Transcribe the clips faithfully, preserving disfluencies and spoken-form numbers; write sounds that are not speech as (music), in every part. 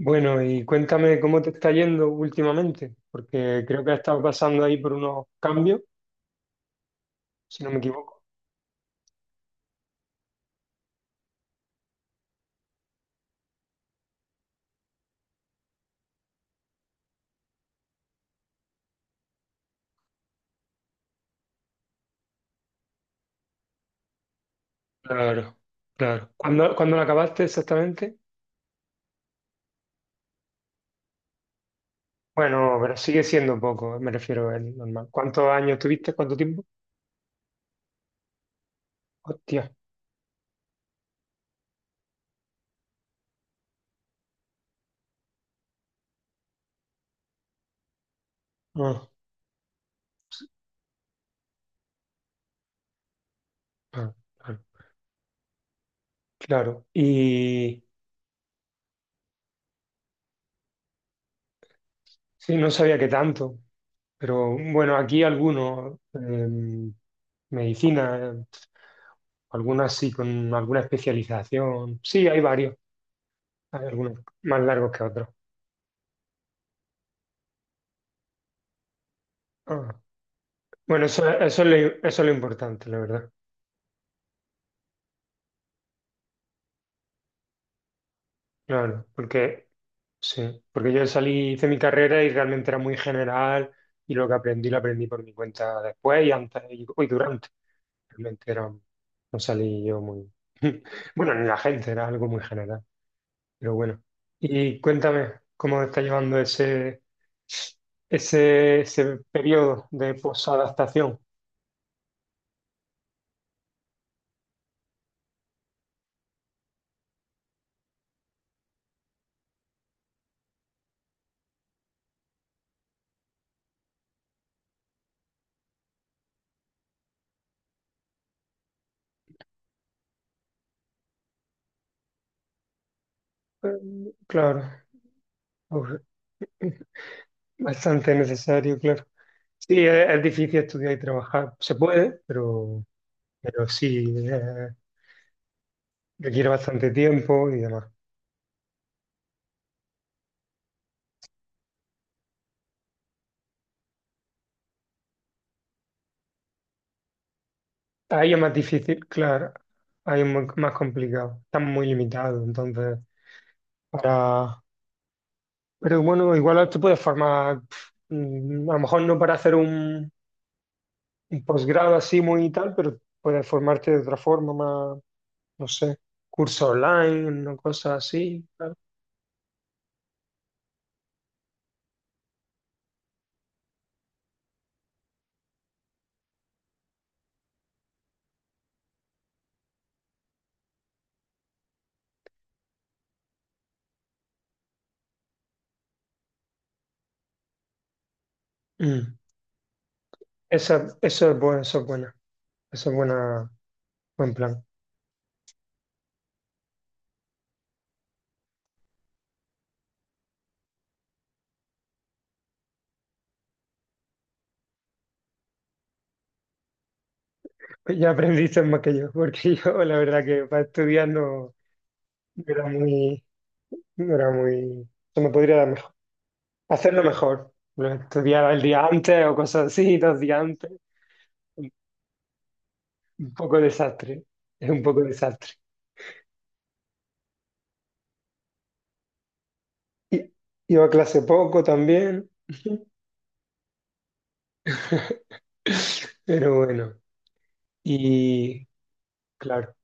Bueno, y cuéntame cómo te está yendo últimamente, porque creo que has estado pasando ahí por unos cambios, si no me equivoco. Claro, claro. ¿Cuándo, cuándo lo acabaste exactamente? Bueno, pero sigue siendo poco, me refiero al normal. ¿Cuántos años tuviste? ¿Cuánto tiempo? Hostia. Ah, ah, claro. Claro. Y sí, no sabía que tanto, pero bueno, aquí algunos, em, medicina, eh, algunas sí, con alguna especialización. Sí, hay varios. Hay algunos más largos que otros. Ah. Bueno, eso, eso es lo, eso es lo importante, la verdad. Claro, porque sí, porque yo salí, hice mi carrera y realmente era muy general y lo que aprendí lo aprendí por mi cuenta después y antes y, y durante. Realmente era, no salí yo muy… (laughs) Bueno, ni la gente, era algo muy general, pero bueno. Y cuéntame, ¿cómo está llevando ese, ese, ese periodo de posadaptación? Eh, Claro. Bastante necesario, claro. Sí, es, es difícil estudiar y trabajar. Se puede, pero, pero sí, eh, requiere bastante tiempo y demás. Ahí es más difícil, claro. Ahí es muy- más complicado. Están muy limitados, entonces, para… Pero bueno, igual te puedes formar, pf, mm, a lo mejor no para hacer un, un posgrado así muy y tal, pero puedes formarte de otra forma, más, no sé, curso online, una cosa así. Mm. Esa, eso es bueno, eso es buena. Eso es buena. Buen plan. Pues ya aprendiste más que yo, porque (laughs) yo la verdad que para estudiar no, no era muy, no era muy, se me podría dar mejor. Hacerlo mejor. Lo estudiaba el día antes o cosas así, (laughs) dos días antes. Un poco desastre. Es un poco desastre. Y, iba a clase poco también. (laughs) Pero bueno. Y claro,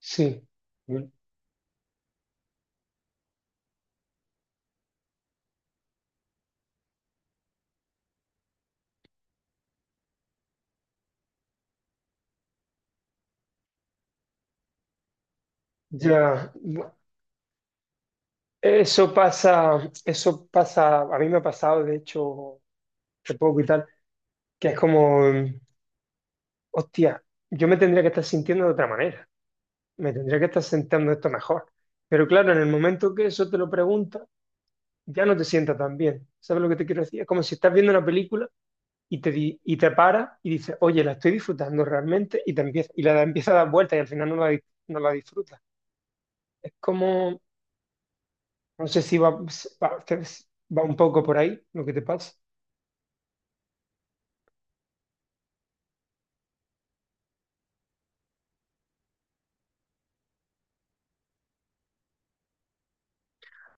sí. Ya, eso pasa, eso pasa, a mí me ha pasado de hecho hace poco y tal, que es como hostia, yo me tendría que estar sintiendo de otra manera, me tendría que estar sintiendo esto mejor. Pero claro, en el momento que eso te lo pregunta, ya no te sienta tan bien. ¿Sabes lo que te quiero decir? Es como si estás viendo una película y te, di- y te paras y dices, oye, la estoy disfrutando realmente y te empieza, y la empieza a dar vueltas y al final no la, di- no la disfrutas. Es como, no sé si va, va, va un poco por ahí lo que te pasa.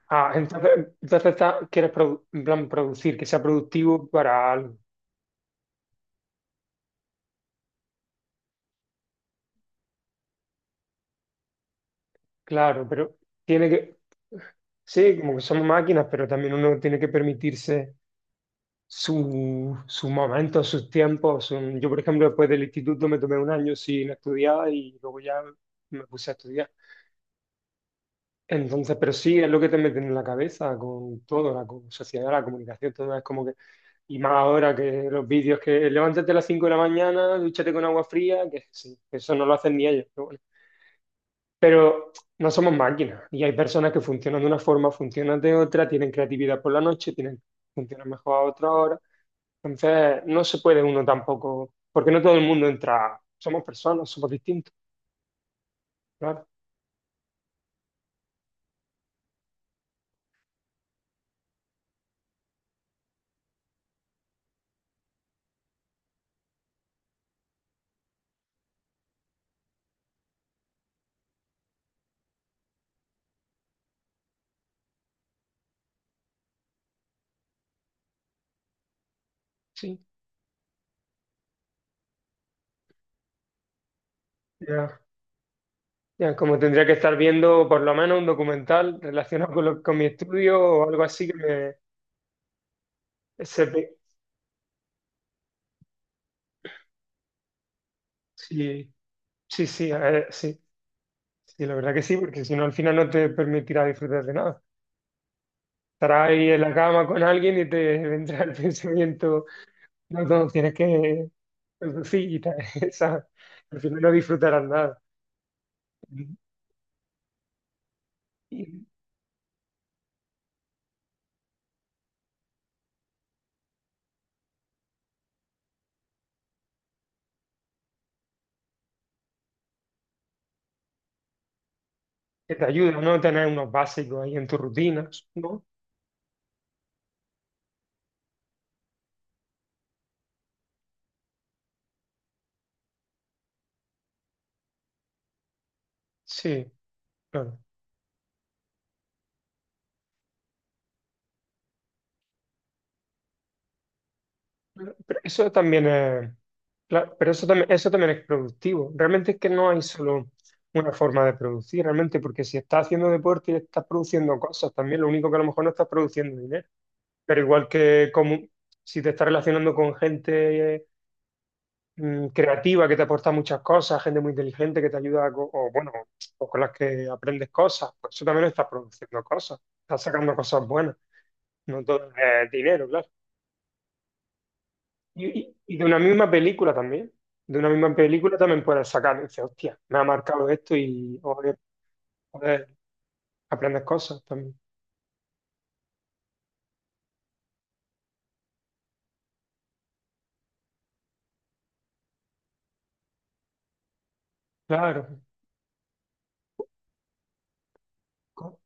Ah, entonces, entonces está- quieres produ- en plan producir, que sea productivo para algo, claro, pero tiene que… Sí, como que somos máquinas, pero también uno tiene que permitirse su- sus momentos, sus tiempos. su- Yo, por ejemplo, después del instituto me tomé un año sin estudiar y luego ya me puse a estudiar. Entonces, pero sí, es lo que te meten en la cabeza con todo, la co- sociedad, la comunicación, todo es como que… Y más ahora que los vídeos que levántate a las cinco de la mañana, dúchate con agua fría, que sí, eso no lo hacen ni ellos. Pero no somos máquinas y hay personas que funcionan de una forma, funcionan de otra, tienen creatividad por la noche, tienen, funcionan mejor a otra hora. Entonces, no se puede uno tampoco, porque no todo el mundo entra. Somos personas, somos distintos, claro. Sí, ya. Ya, como tendría que estar viendo por lo menos un documental relacionado con, lo- con mi estudio o algo así que me… se ve- sí, sí, sí, eh, sí, sí, la verdad que sí, porque si no al final no te permitirá disfrutar de nada. Estarás ahí en la cama con alguien y te (laughs) vendrá el pensamiento, no, no, tienes que producir y tal, (laughs) ¿sabes? Al final no disfrutarás nada. Y que te ayuda, ¿no? Tener unos básicos ahí en tus rutinas, ¿no? Sí, claro. Pero eso también es, claro, pero eso también, eso también es productivo. Realmente es que no hay solo una forma de producir, realmente, porque si estás haciendo deporte y estás produciendo cosas, también lo único que a lo mejor no estás produciendo dinero. Pero igual que como, si te estás relacionando con gente mm, creativa que te aporta muchas cosas, gente muy inteligente que te ayuda, co- o bueno, o con las que aprendes cosas, pues eso también estás produciendo cosas, estás sacando cosas buenas, no todo es dinero, claro. Y, y- y de una misma película también, de una misma película también puedes sacar, dices, hostia, me ha marcado esto y o, eh, puedes aprender cosas también. Claro, co-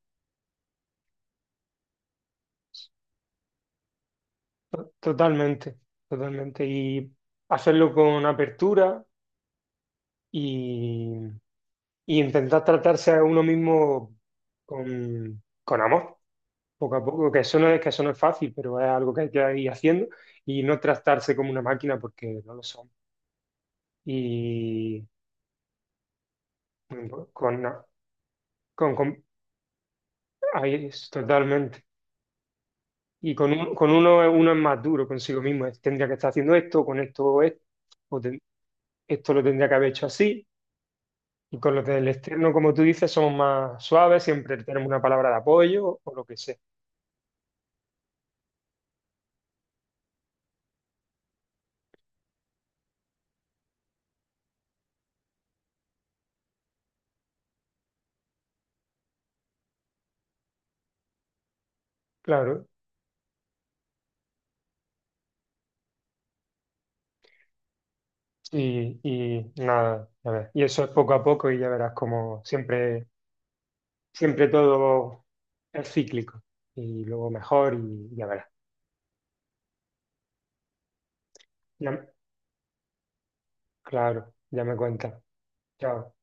to- totalmente, totalmente. Y hacerlo con apertura y, y intentar tratarse a uno mismo con, con amor, poco a poco, que eso no es, que eso no es fácil, pero es algo que hay que ir haciendo y no tratarse como una máquina porque no lo son. Y con, con, con- ahí es, totalmente. Y con, un- con uno, uno es más duro consigo mismo, es, tendría que estar haciendo esto, con esto esto, o ten- esto lo tendría que haber hecho así. Y con los del externo, como tú dices, somos más suaves, siempre tenemos una palabra de apoyo o lo que sea. Claro, Y, y nada, ya ves. Y eso es poco a poco y ya verás como siempre, siempre todo es cíclico y luego mejor y ya verás. Ya- claro, ya me cuenta. Chao.